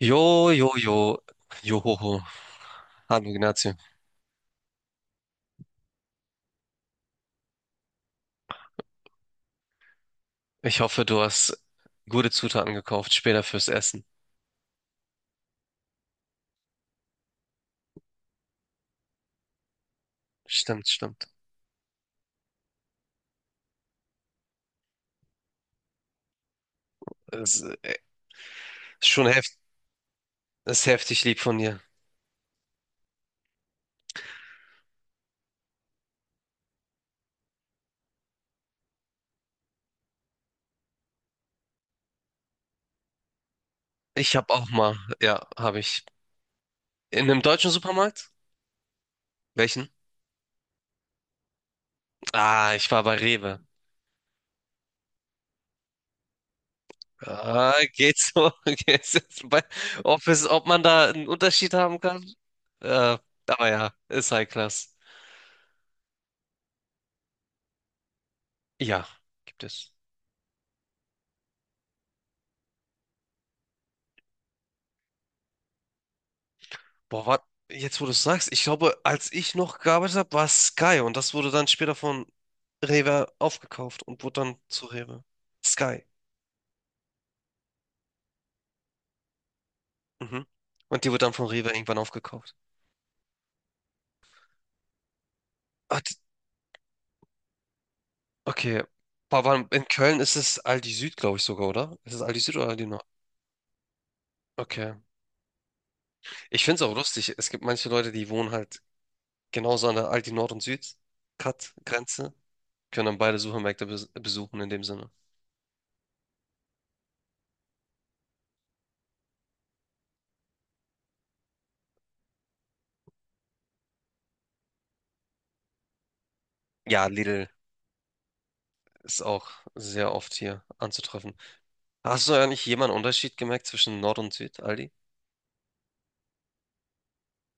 Jo, jo, jo, johoho. Hallo Ignazio. Ich hoffe, du hast gute Zutaten gekauft, später fürs Essen. Stimmt, stimmt. Es ist schon heft, Ist heftig lieb von dir. Ich habe auch mal, ja, habe ich. In einem deutschen Supermarkt? Welchen? Ah, ich war bei Rewe. Ah, geht's so? Geht's jetzt bei, ob es, Ob man da einen Unterschied haben kann? Äh, aber ja, ist High Class. Ja, gibt es. Boah, wat, jetzt wo du es sagst, ich glaube, als ich noch gearbeitet habe, war es Sky und das wurde dann später von Rewe aufgekauft und wurde dann zu Rewe. Sky. Mhm. Und die wurde dann von Rewe irgendwann aufgekauft. Ah, d- okay. In Köln ist es Aldi Süd, glaube ich sogar, oder? Ist es Aldi Süd oder Aldi Nord? Okay. Ich finde es auch lustig. Es gibt manche Leute, die wohnen halt genauso an der Aldi Nord und Süd Cut Grenze, können dann beide Supermärkte besuchen in dem Sinne. Ja, Lidl ist auch sehr oft hier anzutreffen. Hast du eigentlich jemanden Unterschied gemerkt zwischen Nord und Süd, Aldi?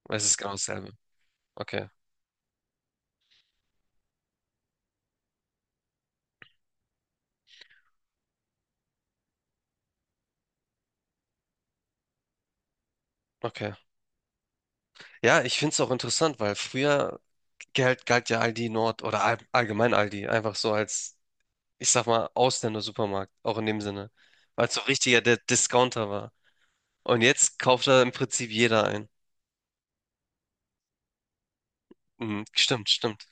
Weil es ist genau dasselbe. Okay, okay. Ja, ich finde es auch interessant, weil früher galt ja Aldi Nord oder allgemein Aldi einfach so als, ich sag mal, Ausländer-Supermarkt, auch in dem Sinne, weil es so richtiger der Discounter war. Und jetzt kauft da im Prinzip jeder ein. Mhm, stimmt, stimmt.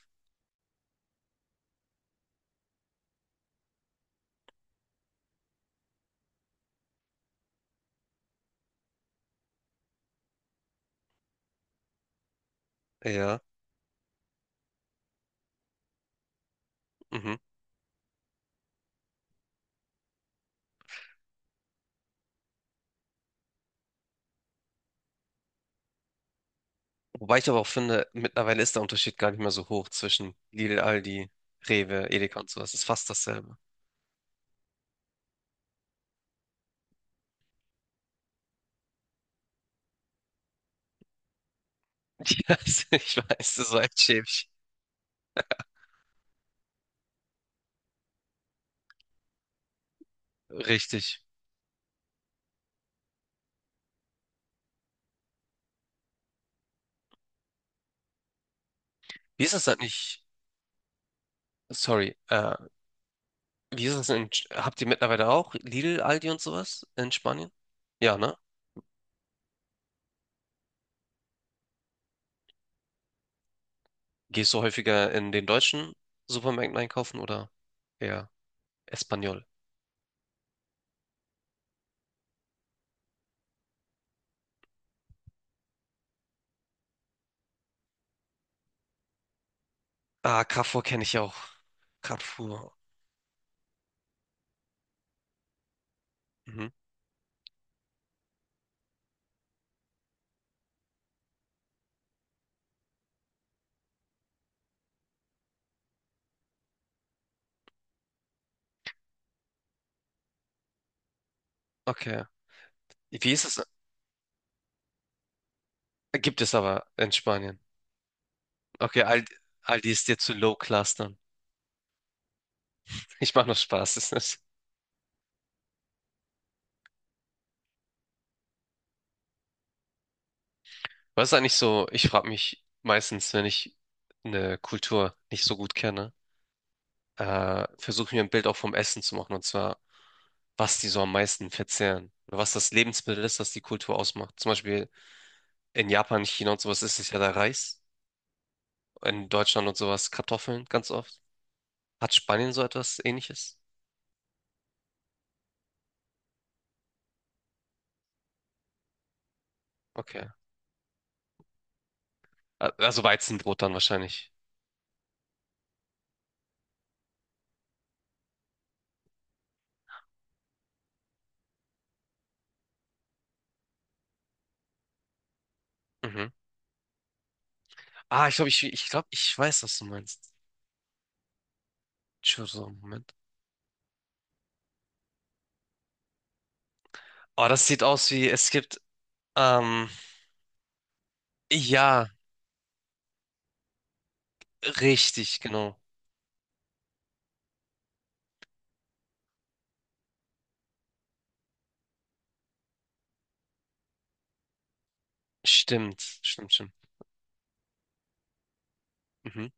Ja. Mhm. Wobei ich aber auch finde, mittlerweile ist der Unterschied gar nicht mehr so hoch zwischen Lidl, Aldi, Rewe, Edeka und sowas. Es ist fast dasselbe. Ja, ich weiß, das war echt schäbig. Richtig. Wie ist das denn nicht? Sorry. Wie ist das denn Habt ihr mittlerweile auch Lidl, Aldi und sowas in Spanien? Ja, ne? Gehst du häufiger in den deutschen Supermärkten einkaufen oder eher Espanol? Ah, Carrefour kenne ich auch. Carrefour. Mhm. Okay. Wie ist es? Gibt es aber in Spanien. Okay, Aldi, Aldi ist dir zu low class dann. Ich mache noch Spaß. Was ist eigentlich so? Ich frage mich meistens, wenn ich eine Kultur nicht so gut kenne, versuche mir ein Bild auch vom Essen zu machen, und zwar, was die so am meisten verzehren. Oder was das Lebensmittel ist, das die Kultur ausmacht. Zum Beispiel in Japan, China und sowas ist es ja der Reis. In Deutschland und sowas Kartoffeln ganz oft. Hat Spanien so etwas Ähnliches? Okay. Also Weizenbrot dann wahrscheinlich. Mhm. Ah, ich glaube, ich glaube, ich weiß, was du meinst. Chorizo, Moment. Oh, das sieht aus wie, es gibt, ähm, ja, richtig, genau. Stimmt, stimmt, stimmt. Mhm.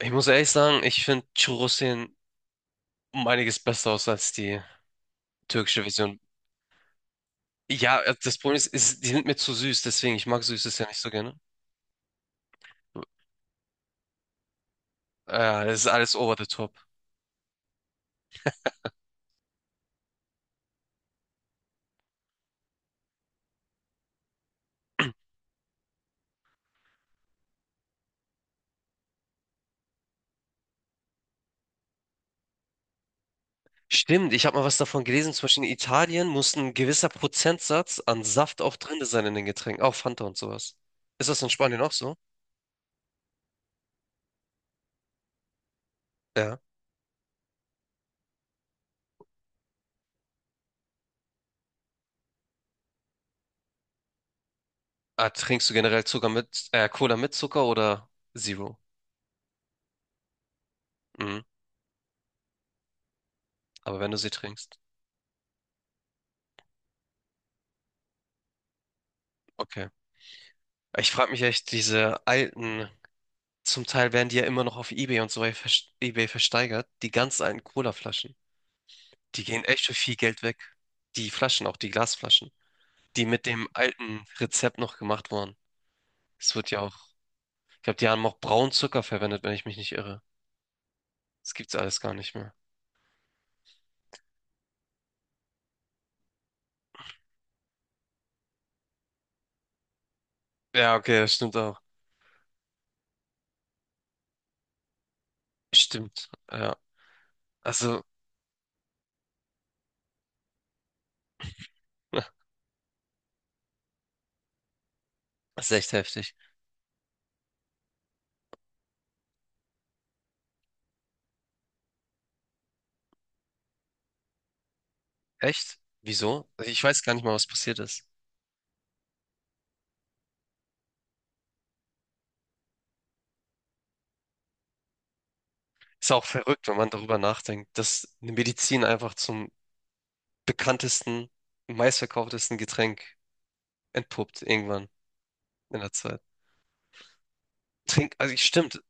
Ich muss ehrlich sagen, ich finde Churros sehen um einiges besser aus als die türkische Version. Ja, das Problem ist, die sind mir zu süß, deswegen, ich mag Süßes ja nicht so gerne. Ja, das ist alles over the top. Stimmt, ich habe mal was davon gelesen, zum Beispiel in Italien muss ein gewisser Prozentsatz an Saft auch drin sein in den Getränken, auch Fanta und sowas. Ist das in Spanien auch so? Ja. Ah, trinkst du generell Cola mit Zucker oder Zero? Mhm. Aber wenn du sie trinkst. Okay. Ich frage mich echt, diese alten Zum Teil werden die ja immer noch auf eBay und so eBay versteigert. Die ganz alten Cola-Flaschen. Die gehen echt für viel Geld weg. Die Flaschen, auch die Glasflaschen, die mit dem alten Rezept noch gemacht wurden. Es wird ja auch, Ich glaube, die haben auch braunen Zucker verwendet, wenn ich mich nicht irre. Das gibt's alles gar nicht mehr. Ja, okay, das stimmt auch. Stimmt, ja. Also, das ist echt heftig. Echt? Wieso? Ich weiß gar nicht mal, was passiert ist. Ist auch verrückt, wenn man darüber nachdenkt, dass eine Medizin einfach zum bekanntesten, meistverkauftesten Getränk entpuppt irgendwann in der Zeit. Stimmt,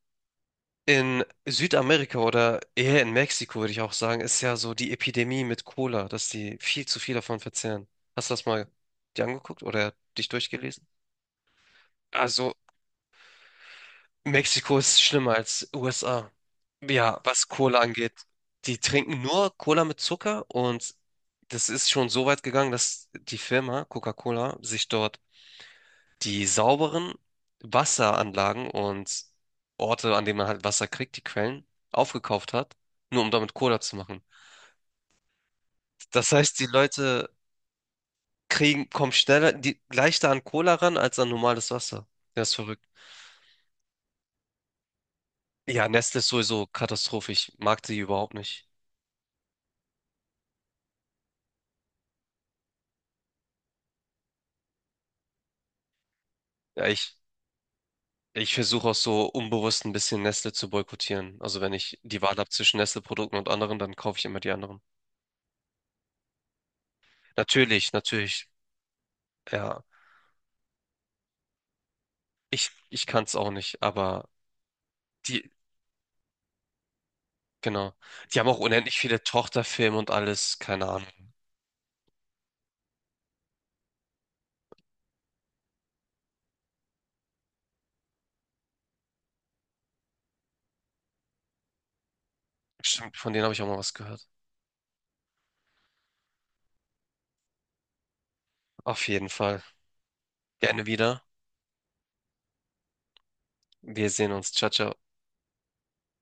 in Südamerika oder eher in Mexiko würde ich auch sagen, ist ja so die Epidemie mit Cola, dass die viel zu viel davon verzehren. Hast du das mal dir angeguckt oder dich durchgelesen? Also Mexiko ist schlimmer als USA. Ja, was Cola angeht. Die trinken nur Cola mit Zucker und das ist schon so weit gegangen, dass die Firma Coca-Cola sich dort die sauberen Wasseranlagen und Orte, an denen man halt Wasser kriegt, die Quellen, aufgekauft hat, nur um damit Cola zu machen. Das heißt, die Leute kommen leichter an Cola ran als an normales Wasser. Das ist verrückt. Ja, Nestle ist sowieso katastrophisch. Ich mag die überhaupt nicht. Ja, ich versuche auch so unbewusst ein bisschen Nestle zu boykottieren. Also wenn ich die Wahl habe zwischen Nestle-Produkten und anderen, dann kaufe ich immer die anderen. Natürlich, natürlich. Ja, ich kann es auch nicht, aber die, genau. Die haben auch unendlich viele Tochterfilme und alles, keine Ahnung. Stimmt, von denen habe ich auch mal was gehört. Auf jeden Fall. Gerne wieder. Wir sehen uns. Ciao, ciao.